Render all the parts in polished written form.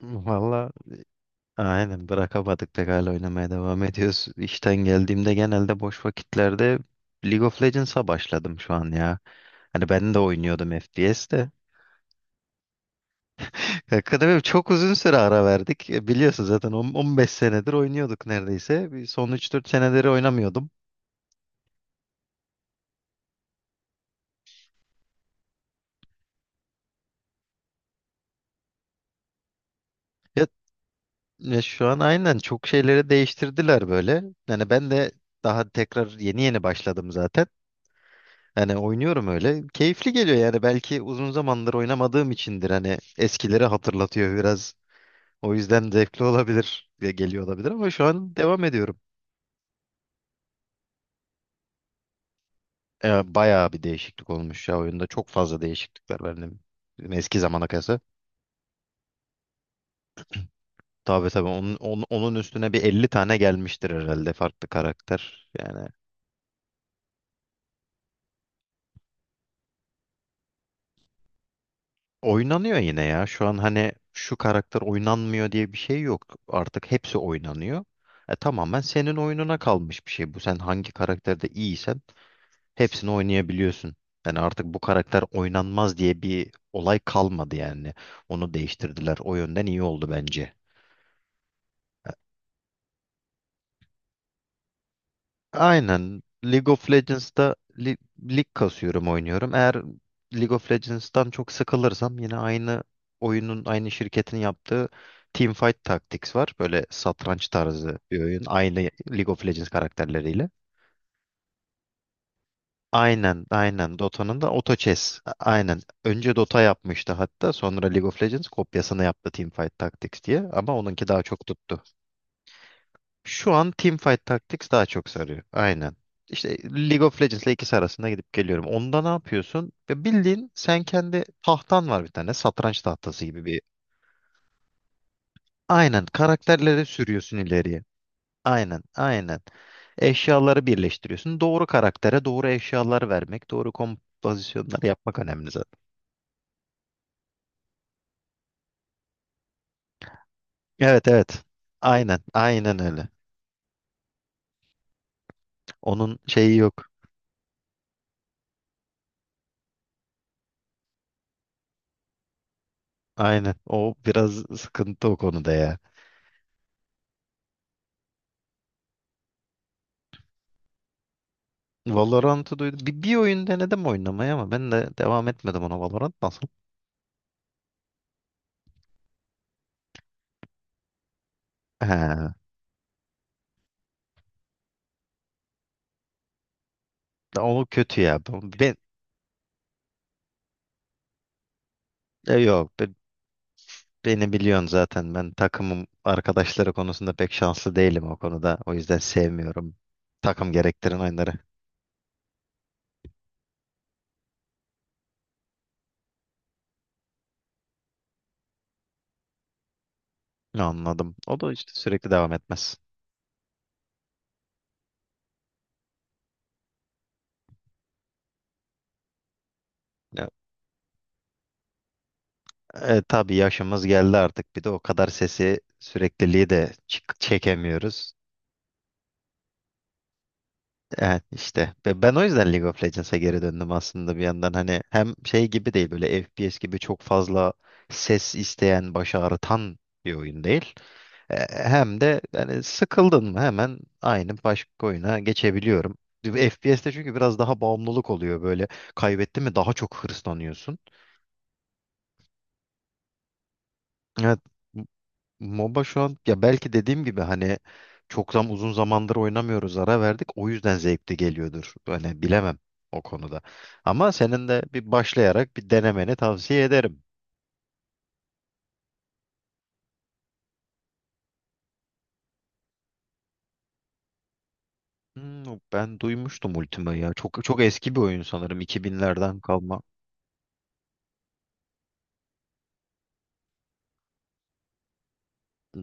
Valla aynen bırakamadık pek, hala oynamaya devam ediyoruz. İşten geldiğimde genelde boş vakitlerde League of Legends'a başladım şu an ya. Hani ben de oynuyordum FPS'te. Kanka benim çok uzun süre ara verdik. Biliyorsun zaten 15 senedir oynuyorduk neredeyse. Son üç dört senedir oynamıyordum. Ya, ya, şu an aynen çok şeyleri değiştirdiler böyle. Yani ben de daha tekrar yeni yeni başladım zaten. Yani oynuyorum öyle. Keyifli geliyor yani. Belki uzun zamandır oynamadığım içindir. Hani eskileri hatırlatıyor biraz. O yüzden zevkli olabilir ve geliyor olabilir, ama şu an devam ediyorum. Bayağı bir değişiklik olmuş ya oyunda. Çok fazla değişiklikler var. Yani eski zamana kıyasla. Tabii tabii onun üstüne bir 50 tane gelmiştir herhalde farklı karakter. Yani oynanıyor yine ya. Şu an hani şu karakter oynanmıyor diye bir şey yok. Artık hepsi oynanıyor. Tamamen senin oyununa kalmış bir şey bu. Sen hangi karakterde iyiysen hepsini oynayabiliyorsun. Yani artık bu karakter oynanmaz diye bir olay kalmadı yani. Onu değiştirdiler. O yönden iyi oldu bence. Aynen. League of Legends'da lig kasıyorum, oynuyorum. Eğer League of Legends'tan çok sıkılırsam yine aynı oyunun, aynı şirketin yaptığı Teamfight Tactics var. Böyle satranç tarzı bir oyun. Aynı League of Legends karakterleriyle. Aynen aynen, Dota'nın da Auto Chess. Aynen. Önce Dota yapmıştı hatta, sonra League of Legends kopyasını yaptı Teamfight Tactics diye, ama onunki daha çok tuttu. Şu an Teamfight Tactics daha çok sarıyor. Aynen. İşte League of Legends ile ikisi arasında gidip geliyorum. Onda ne yapıyorsun? Ve bildiğin sen kendi tahtan var bir tane. Satranç tahtası gibi bir. Aynen. Karakterleri sürüyorsun ileriye. Aynen. Aynen. Eşyaları birleştiriyorsun. Doğru karaktere doğru eşyalar vermek, doğru kompozisyonlar yapmak önemli zaten. Evet evet. Aynen. Aynen öyle. Onun şeyi yok. Aynen. O biraz sıkıntı o konuda ya. Valorant'ı duydum. Bir oyun denedim oynamayı ama ben de devam etmedim ona. Valorant nasıl? He, o kötü ya. Yok be- Beni biliyorsun zaten. Ben takımım arkadaşları konusunda pek şanslı değilim o konuda. O yüzden sevmiyorum takım gerektiren oyunları. Anladım. O da işte sürekli devam etmez. Ya, tabii yaşımız geldi artık. Bir de o kadar sesi sürekliliği de çekemiyoruz. Evet, işte ve ben o yüzden League of Legends'a geri döndüm aslında bir yandan. Hani hem şey gibi değil, böyle FPS gibi çok fazla ses isteyen, baş ağrıtan bir oyun değil. Hem de hani sıkıldın mı hemen aynı başka oyuna geçebiliyorum. FPS'te çünkü biraz daha bağımlılık oluyor böyle, kaybettin mi daha çok hırslanıyorsun. Evet. MOBA şu an ya, belki dediğim gibi hani çok zam uzun zamandır oynamıyoruz, ara verdik, o yüzden zevkli geliyordur. Hani bilemem o konuda. Ama senin de bir başlayarak bir denemeni tavsiye ederim. Hmm, ben duymuştum Ultima ya. Çok çok eski bir oyun, sanırım 2000'lerden kalma.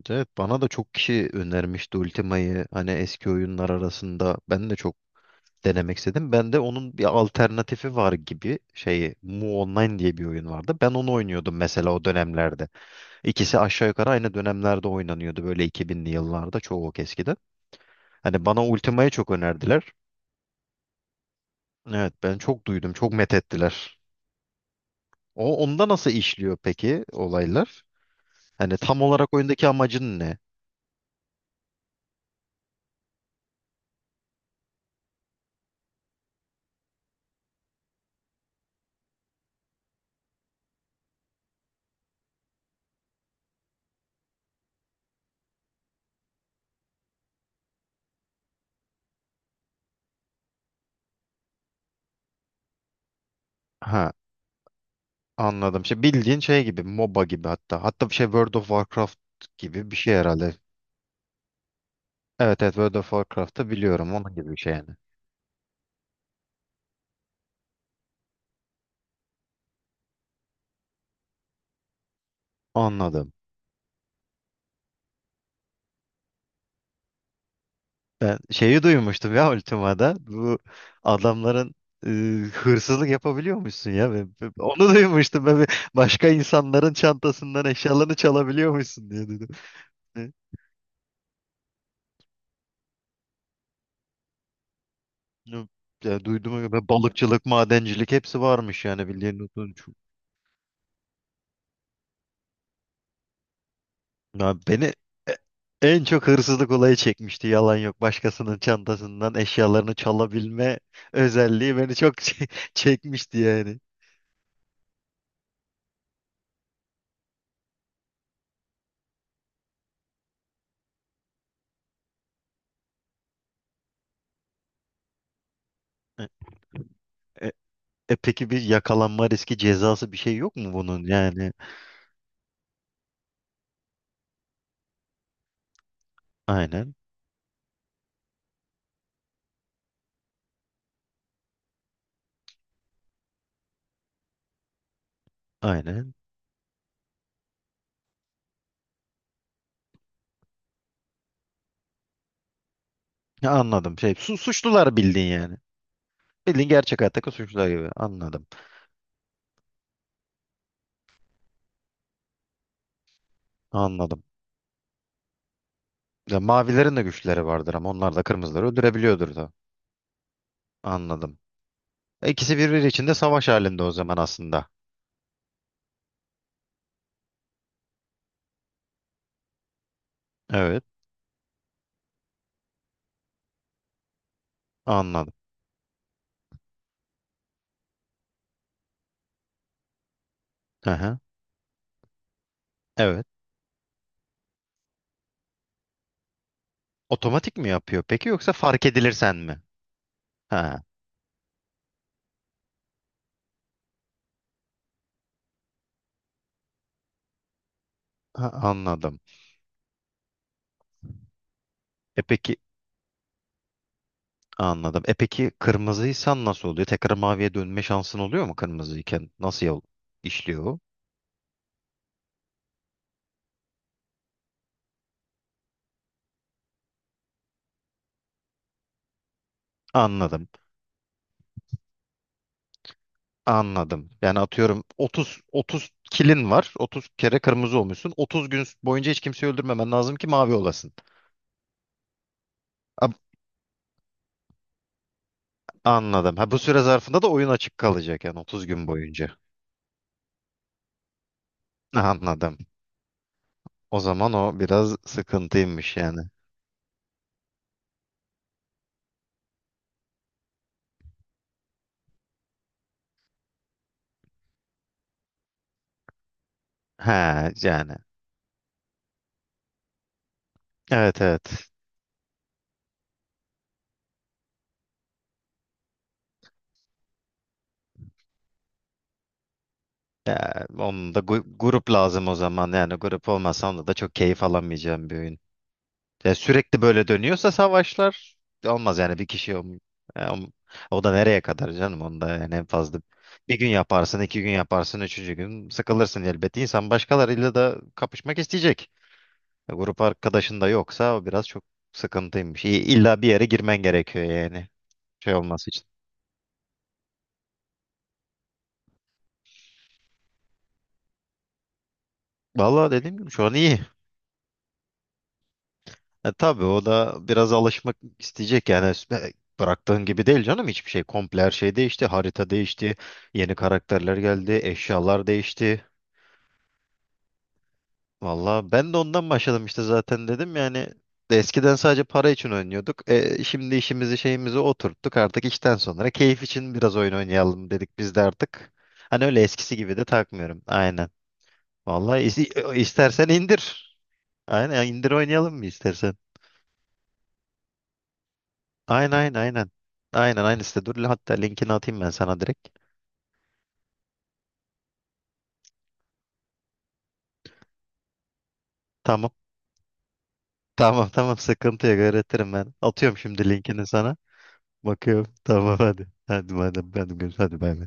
Evet, bana da çok kişi önermişti Ultima'yı, hani eski oyunlar arasında. Ben de çok denemek istedim. Ben de onun bir alternatifi var gibi şeyi, Mu Online diye bir oyun vardı. Ben onu oynuyordum mesela o dönemlerde. İkisi aşağı yukarı aynı dönemlerde oynanıyordu, böyle 2000'li yıllarda çoğu, çok eskiden. Hani bana Ultima'yı çok önerdiler. Evet ben çok duydum, çok met ettiler. O onda nasıl işliyor peki olaylar? Hani tam olarak oyundaki amacın ne? Ha, anladım. Şey bildiğin şey gibi, MOBA gibi hatta. Hatta bir şey, World of Warcraft gibi bir şey herhalde. Evet evet, World of Warcraft'ı biliyorum, onun gibi bir şey yani. Anladım. Ben şeyi duymuştum ya Ultima'da. Bu adamların e, hırsızlık yapabiliyormuşsun ya. Onu duymuştum. Ben bir Başka insanların çantasından eşyalarını çalabiliyormuşsun diye dedim. Ne? Ne? Ya duydum ya, ben balıkçılık, madencilik hepsi varmış yani bildiğin. Olduğunu çok. Ya beni e, en çok hırsızlık olayı çekmişti. Yalan yok. Başkasının çantasından eşyalarını çalabilme özelliği beni çok çekmişti yani. E- E peki bir yakalanma riski, cezası bir şey yok mu bunun? Yani aynen aynen. Ya anladım, şey suçlular bildin yani. Bildiğin gerçek hayattaki suçlular gibi. Anladım anladım. Ya mavilerin de güçleri vardır ama onlar da kırmızıları öldürebiliyordur da. Anladım. E, İkisi birbiri içinde savaş halinde o zaman aslında. Evet, anladım. Hı hı. Evet. Otomatik mi yapıyor peki, yoksa fark edilirsen mi? Ha, ha, anladım. E peki Anladım. E peki kırmızıysan nasıl oluyor? Tekrar maviye dönme şansın oluyor mu kırmızıyken? Nasıl yol işliyor o? Anladım. Anladım. Yani atıyorum 30 kilin var. 30 kere kırmızı olmuşsun. 30 gün boyunca hiç kimseyi öldürmemen lazım ki mavi olasın. A- Anladım. Ha, bu süre zarfında da oyun açık kalacak yani 30 gün boyunca. Anladım. O zaman o biraz sıkıntıymış yani. He yani. Evet evet. Ya, onun grup lazım o zaman. Yani grup olmasa onda da çok keyif alamayacağım bir oyun. Ya, sürekli böyle dönüyorsa savaşlar olmaz yani, ya, o, o da nereye kadar canım onda, yani en fazla bir gün yaparsın, iki gün yaparsın, üçüncü gün sıkılırsın elbette. İnsan başkalarıyla da kapışmak isteyecek. Ya, grup arkadaşın da yoksa o biraz çok sıkıntıymış. İlla bir yere girmen gerekiyor yani şey olması için. Vallahi dediğim gibi şu an iyi. E, tabii o da biraz alışmak isteyecek yani. E, bıraktığın gibi değil canım hiçbir şey, komple her şey değişti, harita değişti, yeni karakterler geldi, eşyalar değişti. Valla ben de ondan başladım işte, zaten dedim yani. Eskiden sadece para için oynuyorduk, e, şimdi işimizi şeyimizi oturttuk artık, işten sonra keyif için biraz oyun oynayalım dedik biz de artık. Hani öyle eskisi gibi de takmıyorum aynen. Valla istersen indir. Aynen, indir oynayalım mı istersen? Aynen aynen aynen. Aynen aynısı da. Dur hatta linkini atayım ben sana direkt. Tamam. Tamam tamam, sıkıntı yok, öğretirim ben. Atıyorum şimdi linkini sana. Bakıyorum. Tamam hadi. Hadi madem hadi, hadi bay bay.